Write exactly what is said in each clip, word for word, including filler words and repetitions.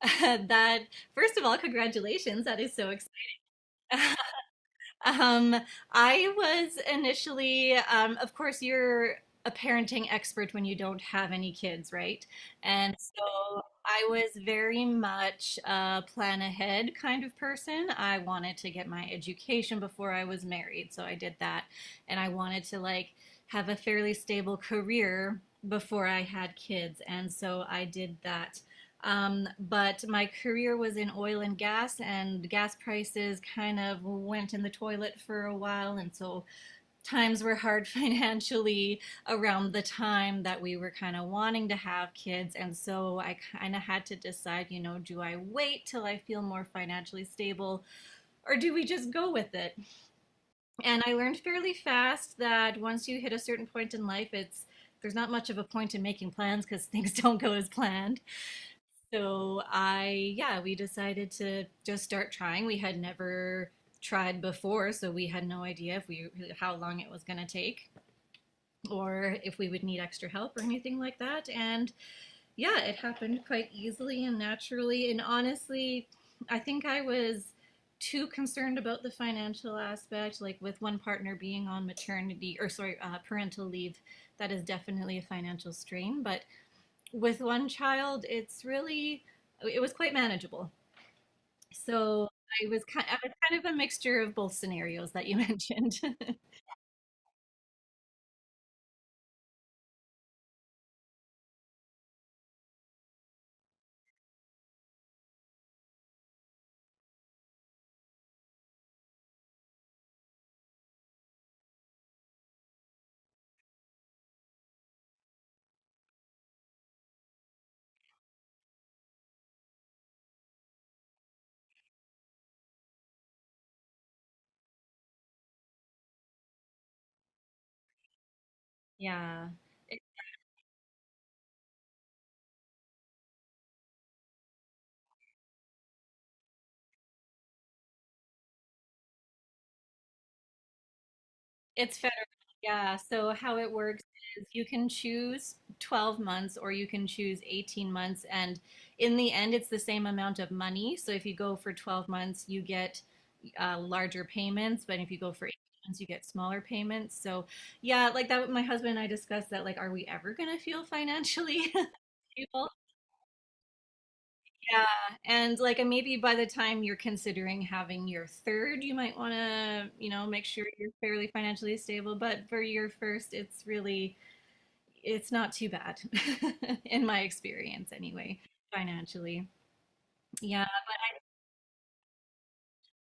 Uh, that first of all, congratulations. That is so exciting. um, I was initially um, of course you're a parenting expert when you don't have any kids, right? And so I was very much a plan ahead kind of person. I wanted to get my education before I was married, so I did that. And I wanted to like have a fairly stable career before I had kids, and so I did that. Um, but my career was in oil and gas, and gas prices kind of went in the toilet for a while. And so times were hard financially around the time that we were kind of wanting to have kids. And so I kind of had to decide, you know, do I wait till I feel more financially stable, or do we just go with it? And I learned fairly fast that once you hit a certain point in life, it's there's not much of a point in making plans because things don't go as planned. So I, yeah, we decided to just start trying. We had never tried before, so we had no idea if we how long it was going to take or if we would need extra help or anything like that. And yeah, it happened quite easily and naturally. And honestly, I think I was too concerned about the financial aspect, like with one partner being on maternity or sorry, uh, parental leave. That is definitely a financial strain, but with one child, it's really it was quite manageable. So I was kind I was kind of a mixture of both scenarios that you mentioned. Yeah, it, it's federal. Yeah, so how it works is you can choose twelve months or you can choose eighteen months, and in the end, it's the same amount of money. So if you go for twelve months, you get uh, larger payments, but if you go for eighteen months, you get smaller payments. So yeah, like that, my husband and I discussed that, like, are we ever gonna feel financially people. Yeah. And like maybe by the time you're considering having your third, you might want to, you know, make sure you're fairly financially stable. But for your first, it's really, it's not too bad in my experience anyway, financially. Yeah.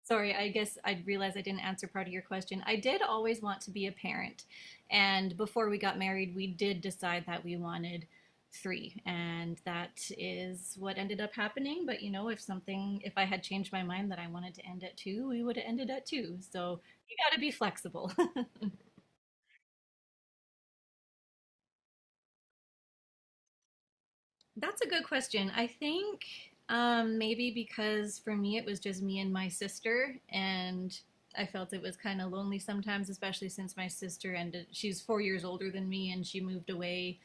Sorry, I guess I realized I didn't answer part of your question. I did always want to be a parent. And before we got married, we did decide that we wanted three. And that is what ended up happening. But you know, if something, if I had changed my mind that I wanted to end at two, we would have ended at two. So you got to be flexible. That's a good question. I think um, maybe because for me it was just me and my sister, and I felt it was kind of lonely sometimes, especially since my sister ended. She's four years older than me, and she moved away,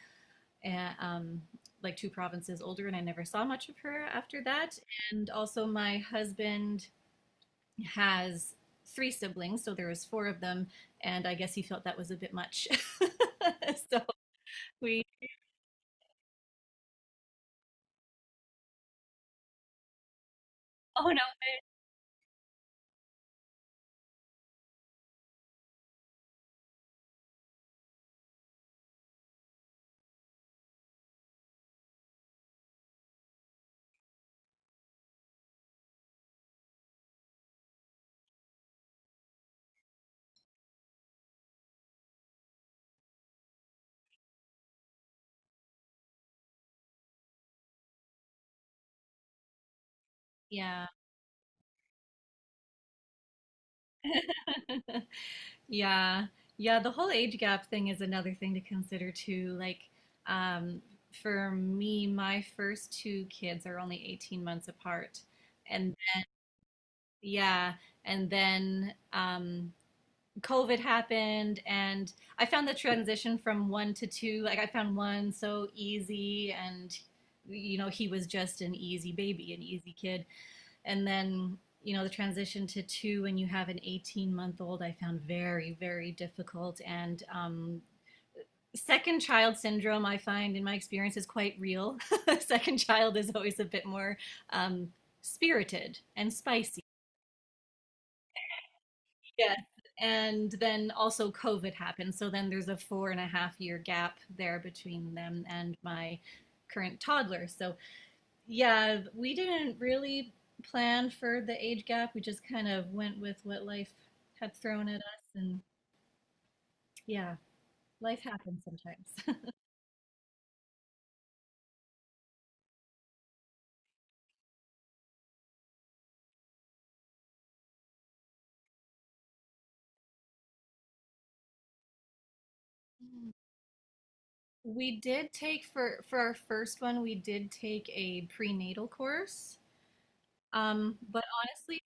uh um, like two provinces older, and I never saw much of her after that. And also, my husband has three siblings, so there was four of them, and I guess he felt that was a bit much. So we, oh no, yeah. Yeah. Yeah, the whole age gap thing is another thing to consider too. Like, um, for me, my first two kids are only eighteen months apart. And yeah, and then um, COVID happened, and I found the transition from one to two, like, I found one so easy, and, you know, he was just an easy baby, an easy kid. And then you know the transition to two when you have an eighteen month old, I found very very difficult. And um, second child syndrome I find in my experience is quite real. Second child is always a bit more um, spirited and spicy. Yes. And then also COVID happened, so then there's a four and a half year gap there between them and my current toddler. So yeah, we didn't really plan for the age gap. We just kind of went with what life had thrown at us, and yeah, life happens sometimes. We did take for for our first one, we did take a prenatal course. Um, but honestly,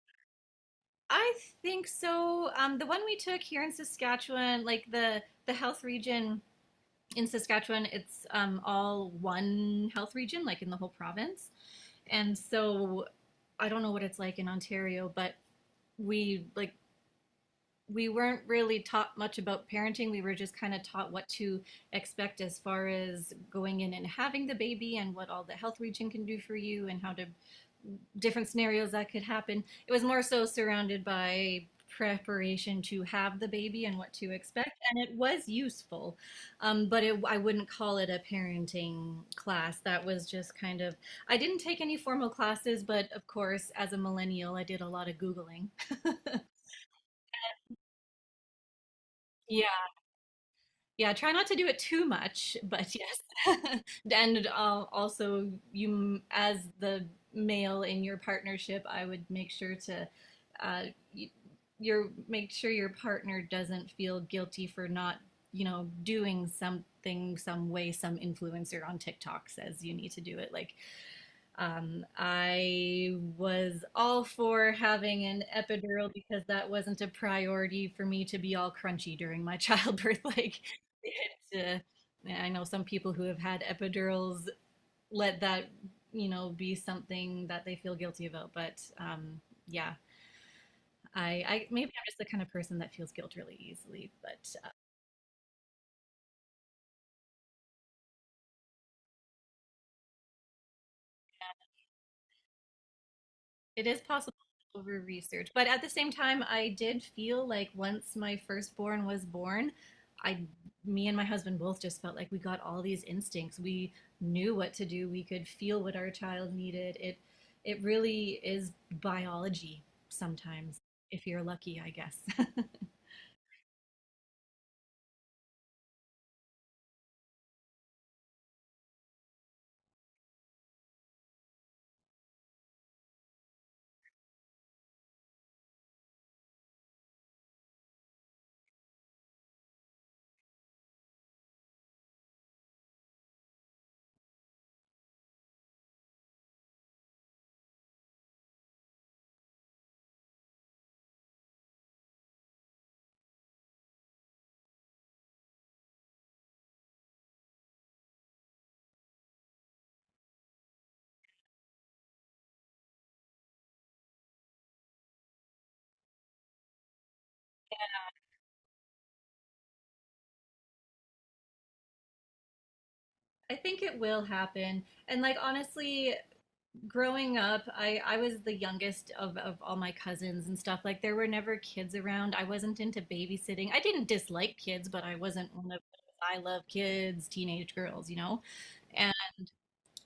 I think so. Um, the one we took here in Saskatchewan, like the the health region in Saskatchewan, it's um, all one health region, like in the whole province. And so I don't know what it's like in Ontario, but we like we weren't really taught much about parenting. We were just kind of taught what to expect as far as going in and having the baby and what all the health region can do for you and how to different scenarios that could happen. It was more so surrounded by preparation to have the baby and what to expect, and it was useful, um, but it, I wouldn't call it a parenting class. That was just kind of, I didn't take any formal classes, but of course, as a millennial, I did a lot of Googling. Yeah. Yeah, try not to do it too much, but yes. And uh, also, you, as the male in your partnership, I would make sure to, uh, y- your make sure your partner doesn't feel guilty for not, you know, doing something, some way, some influencer on TikTok says you need to do it. Like, um, I was all for having an epidural because that wasn't a priority for me to be all crunchy during my childbirth. Like, it, uh, I know some people who have had epidurals let that, you know, be something that they feel guilty about. But um, yeah, I, I maybe I'm just the kind of person that feels guilt really easily. But it is possible to over research, but at the same time, I did feel like once my firstborn was born, I, me and my husband both just felt like we got all these instincts. We knew what to do. We could feel what our child needed. It, it really is biology sometimes, if you're lucky, I guess. I think it will happen. And like honestly, growing up, I, I was the youngest of, of all my cousins and stuff. Like, there were never kids around. I wasn't into babysitting. I didn't dislike kids, but I wasn't one of those I love kids, teenage girls, you know? And,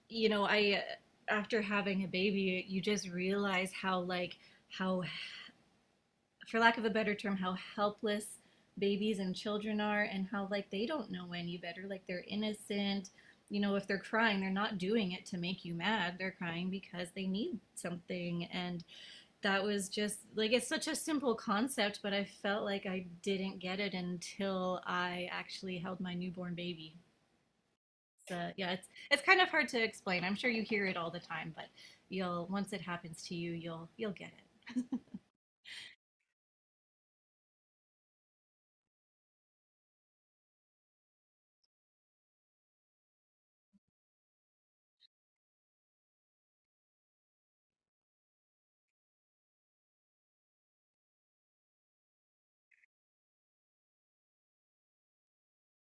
you know, I, after having a baby, you just realize how, like, how for lack of a better term, how helpless babies and children are and how like they don't know any better. Like they're innocent. You know, if they're crying, they're not doing it to make you mad. They're crying because they need something. And that was just like, it's such a simple concept, but I felt like I didn't get it until I actually held my newborn baby. So, yeah, it's, it's kind of hard to explain. I'm sure you hear it all the time, but you'll, once it happens to you, you'll, you'll get it.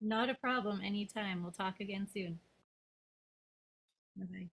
Not a problem, anytime. We'll talk again soon. Bye-bye.